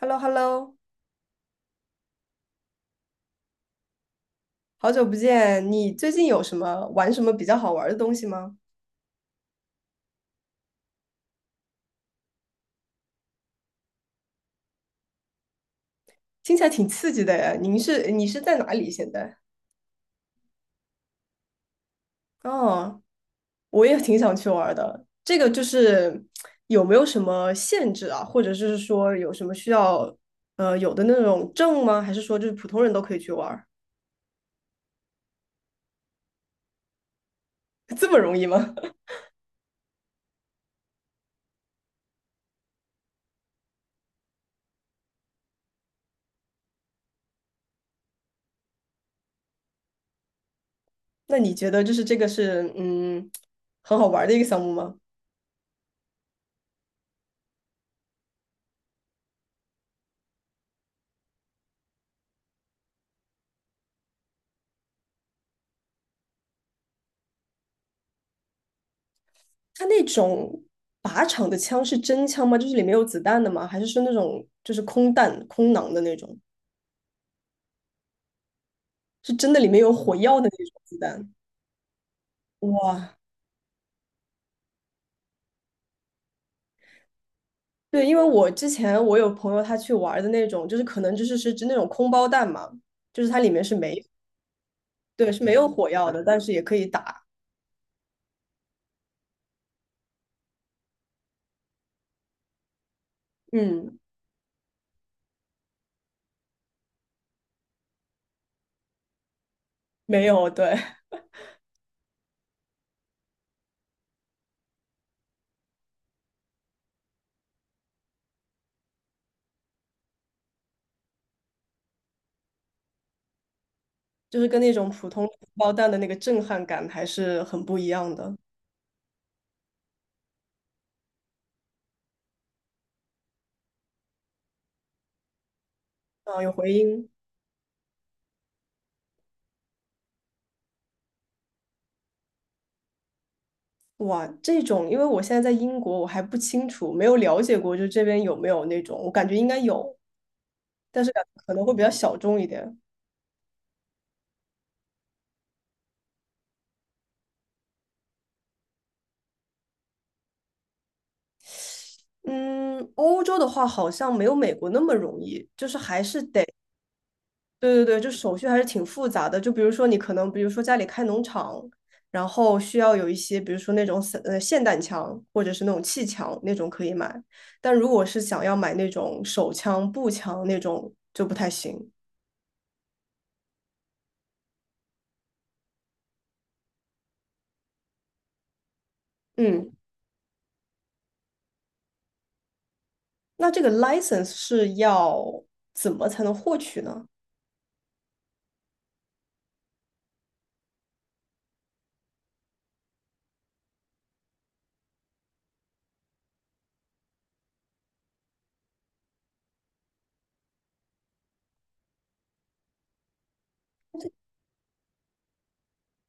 h e l l o h e l l o 好久不见，你最近有什么玩什么比较好玩的东西吗？听起来挺刺激的呀。你是在哪里现在？哦，我也挺想去玩的。这个就是有没有什么限制啊，或者是说有什么需要有的那种证吗？还是说就是普通人都可以去玩儿？这么容易吗？那你觉得就是这个是很好玩的一个项目吗？它那种靶场的枪是真枪吗？就是里面有子弹的吗？还是是那种就是空弹、空囊的那种？是真的里面有火药的那种子弹？哇，对，因为我之前我有朋友他去玩的那种，就是可能就是是指那种空包弹嘛，就是它里面是没，对，是没有火药的，但是也可以打。嗯，没有，对，就是跟那种普通包弹的那个震撼感还是很不一样的。啊，有回音。哇，这种，因为我现在在英国，我还不清楚，没有了解过，就这边有没有那种，我感觉应该有，但是感觉可能会比较小众一点。嗯，欧洲的话好像没有美国那么容易，就是还是得，对对对，就手续还是挺复杂的。就比如说你可能，比如说家里开农场，然后需要有一些，比如说那种霰弹枪或者是那种气枪那种可以买，但如果是想要买那种手枪、步枪那种就不太行。嗯。那这个 license 是要怎么才能获取呢？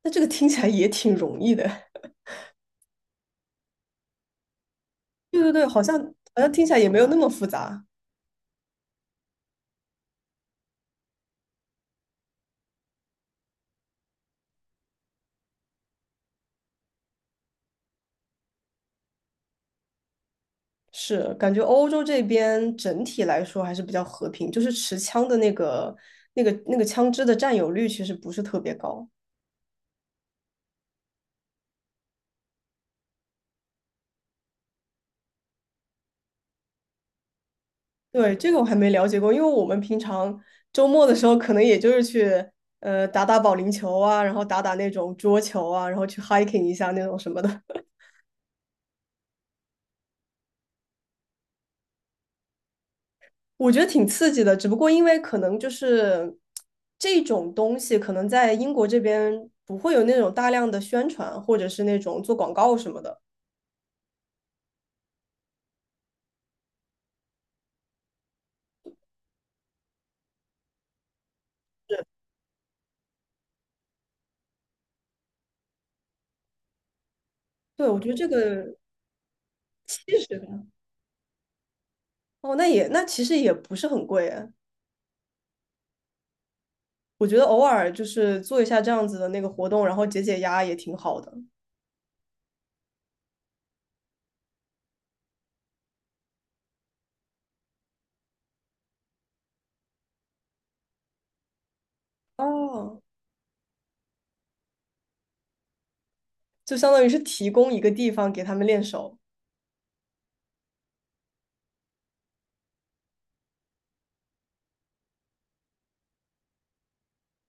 那这个听起来也挺容易的。对对对，好像听起来也没有那么复杂。是，感觉欧洲这边整体来说还是比较和平，就是持枪的那个、那个、那个枪支的占有率其实不是特别高。对，这个我还没了解过，因为我们平常周末的时候可能也就是去打打保龄球啊，然后打打那种桌球啊，然后去 hiking 一下那种什么的。我觉得挺刺激的，只不过因为可能就是这种东西，可能在英国这边不会有那种大量的宣传，或者是那种做广告什么的。对，我觉得这个70吧，哦，那也那其实也不是很贵哎我觉得偶尔就是做一下这样子的那个活动，然后解解压也挺好的。哦，就相当于是提供一个地方给他们练手。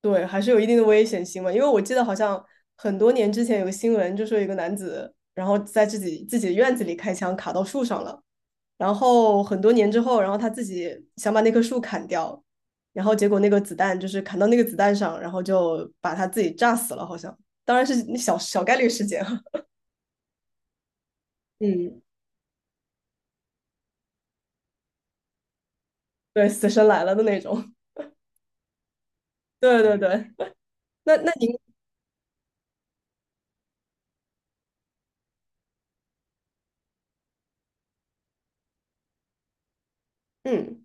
对，还是有一定的危险性嘛。因为我记得好像很多年之前有个新闻，就说有一个男子，然后在自己的院子里开枪卡到树上了，然后很多年之后，然后他自己想把那棵树砍掉，然后结果那个子弹就是砍到那个子弹上，然后就把他自己炸死了，好像。当然是小小概率事件啊，嗯对，死神来了的那种。对对对，那您，嗯，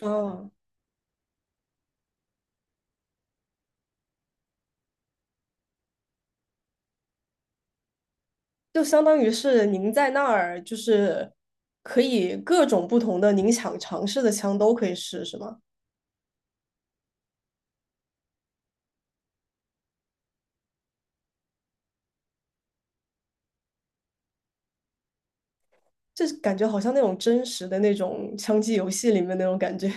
哦，就相当于是您在那儿，就是可以各种不同的您想尝试的枪都可以试，是吗？这感觉好像那种真实的那种枪击游戏里面那种感觉。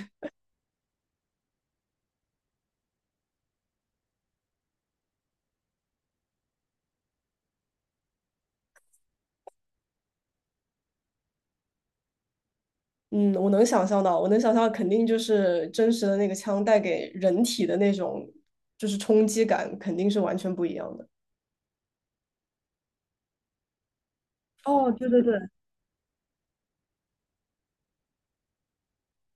嗯，我能想象到，我能想象，肯定就是真实的那个枪带给人体的那种就是冲击感，肯定是完全不一样的，哦，对对对，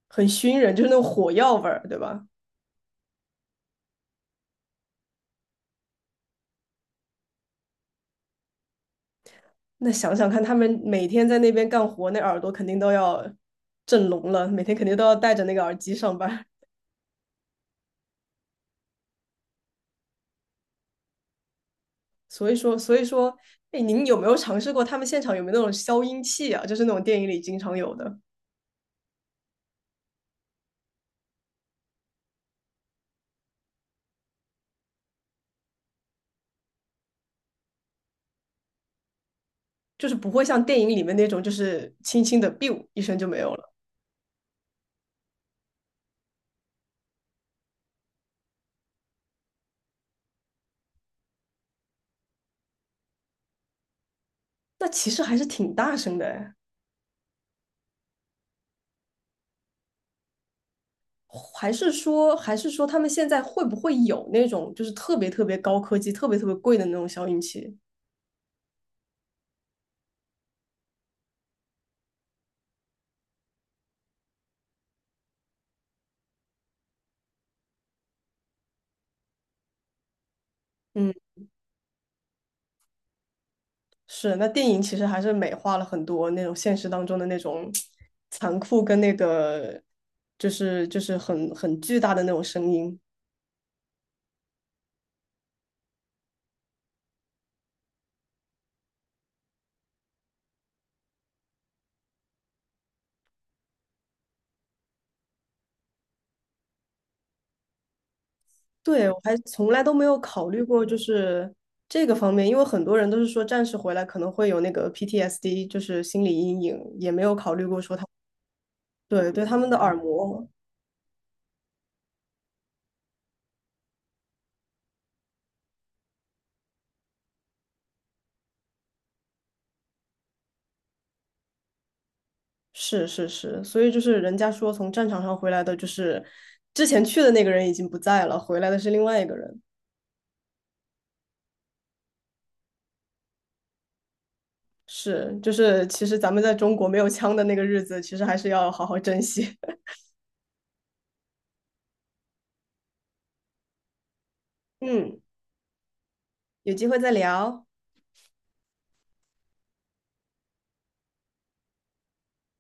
很熏人，就是那种火药味儿，对吧？那想想看，他们每天在那边干活，那耳朵肯定都要震聋了，每天肯定都要戴着那个耳机上班。所以说，所以说，哎，您有没有尝试过他们现场有没有那种消音器啊？就是那种电影里经常有的，就是不会像电影里面那种，就是轻轻的 biu 一声就没有了。那其实还是挺大声的哎，还是说，还是说他们现在会不会有那种就是特别特别高科技、特别特别贵的那种消音器？嗯，是。那电影其实还是美化了很多那种现实当中的那种残酷跟那个，就是很巨大的那种声音。对，我还从来都没有考虑过，就是这个方面，因为很多人都是说战士回来可能会有那个 PTSD，就是心理阴影，也没有考虑过说他，对，对他们的耳膜，是是是，所以就是人家说从战场上回来的，就是之前去的那个人已经不在了，回来的是另外一个人，是，就是其实咱们在中国没有枪的那个日子，其实还是要好好珍惜。嗯，有机会再聊。